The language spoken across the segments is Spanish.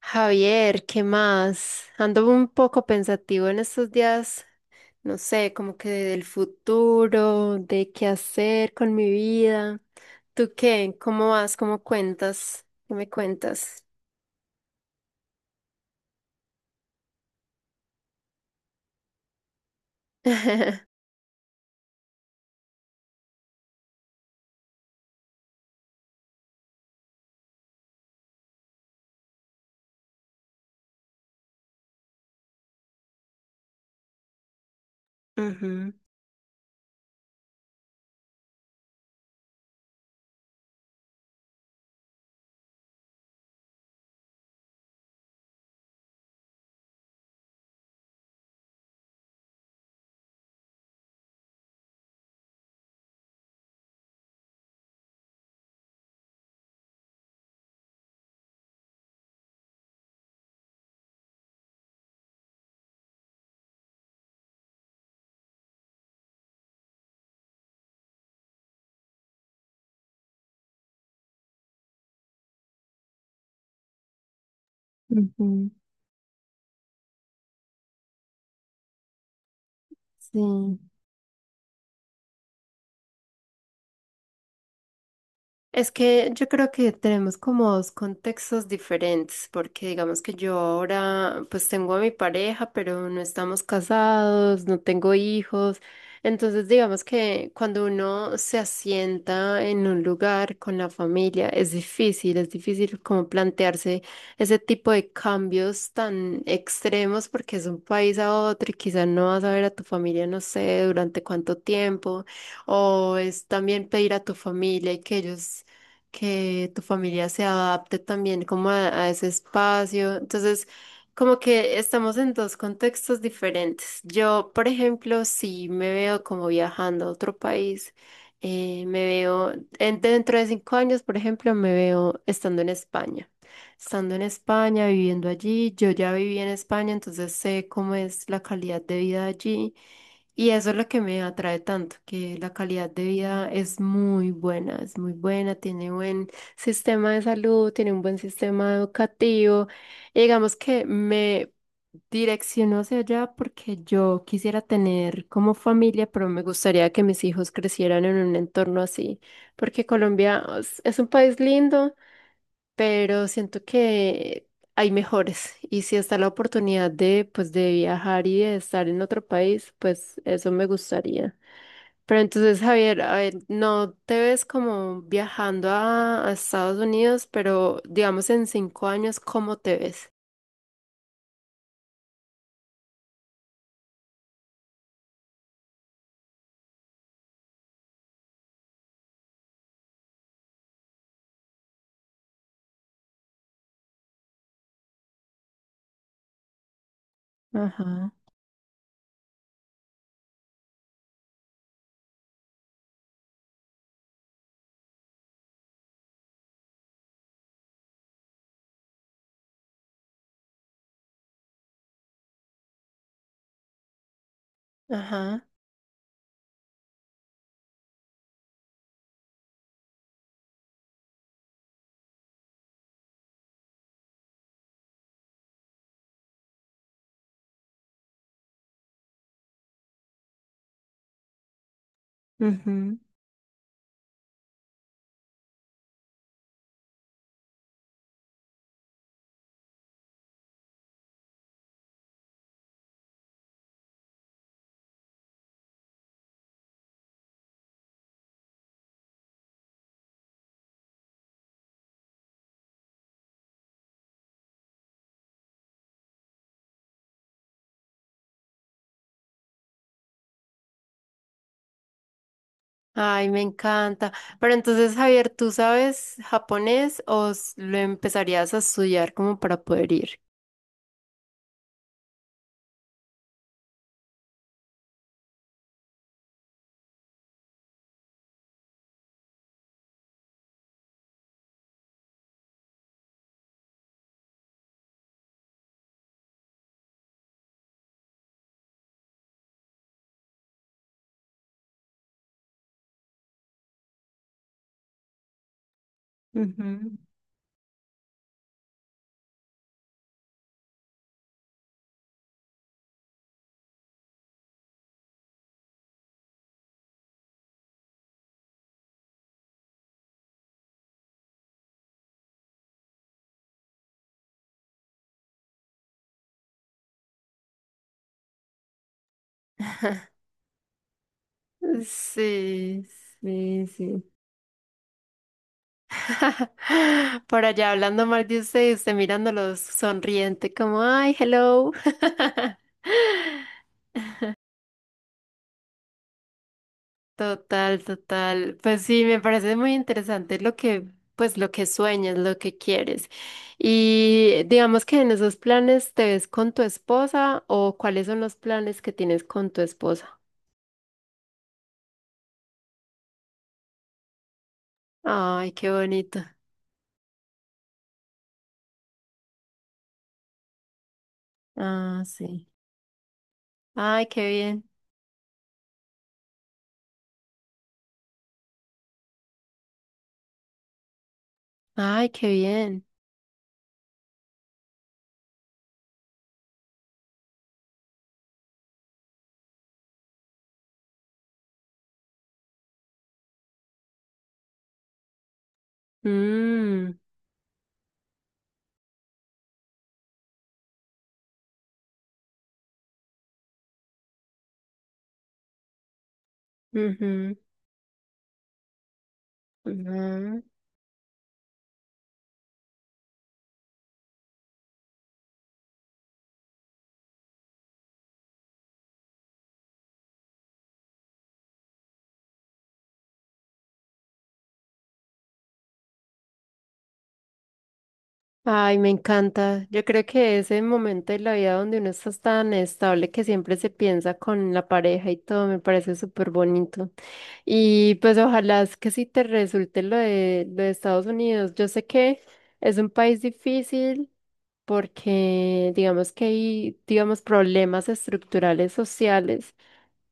Javier, ¿qué más? Ando un poco pensativo en estos días, no sé, como que del futuro, de qué hacer con mi vida. ¿Tú qué? ¿Cómo vas? ¿Cómo cuentas? ¿Qué me cuentas? Ujú. Ujú. Sí. Es que yo creo que tenemos como dos contextos diferentes, porque digamos que yo ahora pues tengo a mi pareja, pero no estamos casados, no tengo hijos. Entonces digamos que cuando uno se asienta en un lugar con la familia es difícil como plantearse ese tipo de cambios tan extremos porque es un país a otro y quizás no vas a ver a tu familia, no sé, durante cuánto tiempo. O es también pedir a tu familia y que ellos que tu familia se adapte también como a ese espacio. Entonces, como que estamos en dos contextos diferentes. Yo, por ejemplo, sí me veo como viajando a otro país. Me veo dentro de cinco años, por ejemplo, me veo estando en España. Estando en España, viviendo allí. Yo ya viví en España, entonces sé cómo es la calidad de vida allí. Y eso es lo que me atrae tanto, que la calidad de vida es muy buena, tiene buen sistema de salud, tiene un buen sistema educativo. Y digamos que me direcciono hacia allá porque yo quisiera tener como familia, pero me gustaría que mis hijos crecieran en un entorno así, porque Colombia es un país lindo, pero siento que hay mejores, y si está la oportunidad de pues de viajar y de estar en otro país, pues eso me gustaría. Pero entonces, Javier, a ver, no te ves como viajando a Estados Unidos, pero digamos en 5 años, ¿cómo te ves? Ajá. Ajá. Ujú. Ay, me encanta. Pero entonces, Javier, ¿tú sabes japonés o lo empezarías a estudiar como para poder ir? Ujú. Sí, sí, sí. Por allá hablando mal de usted, y usted mirándolos sonriente, como, ay, hello. Total, total. Pues sí, me parece muy interesante lo que, pues lo que sueñas, lo que quieres. Y digamos que en esos planes te ves con tu esposa, o cuáles son los planes que tienes con tu esposa. Ay, qué bonito. Ah, sí. Ay, qué bien. Ay, qué bien. Mm, ujú. Ujú. Ay, me encanta. Yo creo que ese momento de la vida donde uno está tan estable que siempre se piensa con la pareja y todo, me parece súper bonito. Y pues ojalá es que sí te resulte lo de Estados Unidos. Yo sé que es un país difícil, porque digamos que hay, digamos, problemas estructurales sociales.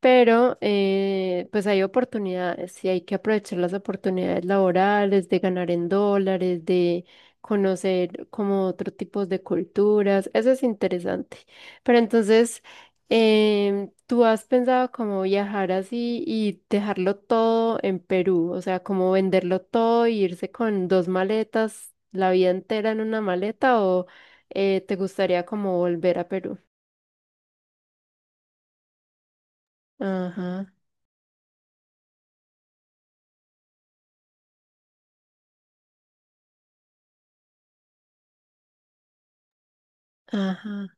Pero pues hay oportunidades y hay que aprovechar las oportunidades laborales, de ganar en dólares, de conocer como otros tipos de culturas. Eso es interesante. Pero entonces, ¿tú has pensado como viajar así y dejarlo todo en Perú? O sea, como venderlo todo e irse con dos maletas, la vida entera en una maleta, o ¿te gustaría como volver a Perú? Ajá, ajá.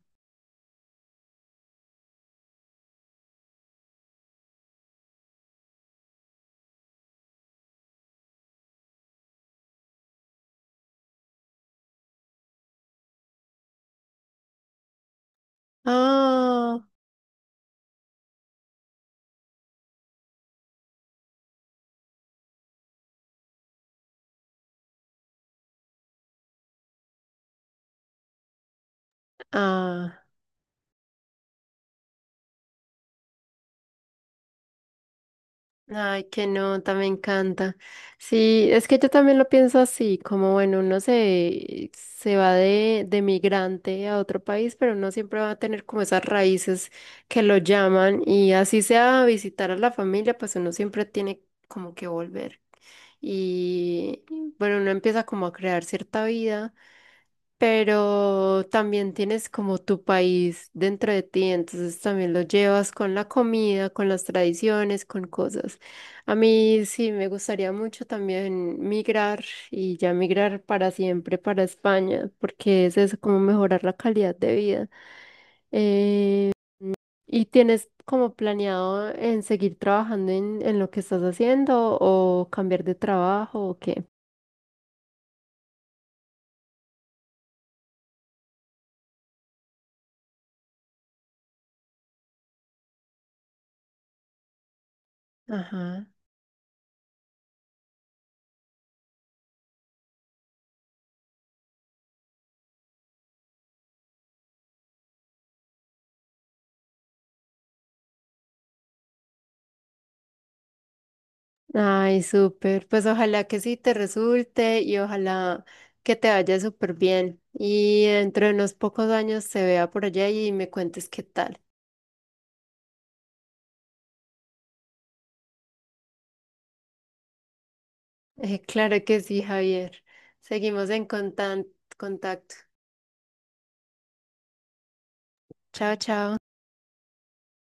Ah. Ah, ay, qué nota, me encanta. Sí, es que yo también lo pienso así, como bueno, uno se, se va de migrante a otro país, pero uno siempre va a tener como esas raíces que lo llaman, y así sea a visitar a la familia, pues uno siempre tiene como que volver. Y bueno, uno empieza como a crear cierta vida. Pero también tienes como tu país dentro de ti, entonces también lo llevas con la comida, con las tradiciones, con cosas. A mí sí me gustaría mucho también migrar y ya migrar para siempre para España, porque es eso, como mejorar la calidad de vida. Eh, ¿Y tienes como planeado en seguir trabajando en lo que estás haciendo, o cambiar de trabajo, o qué? Ajá. Ay, súper. Pues ojalá que sí te resulte y ojalá que te vaya súper bien. Y dentro de unos pocos años se vea por allá y me cuentes qué tal. Claro que sí, Javier. Seguimos contacto. Chao, chao.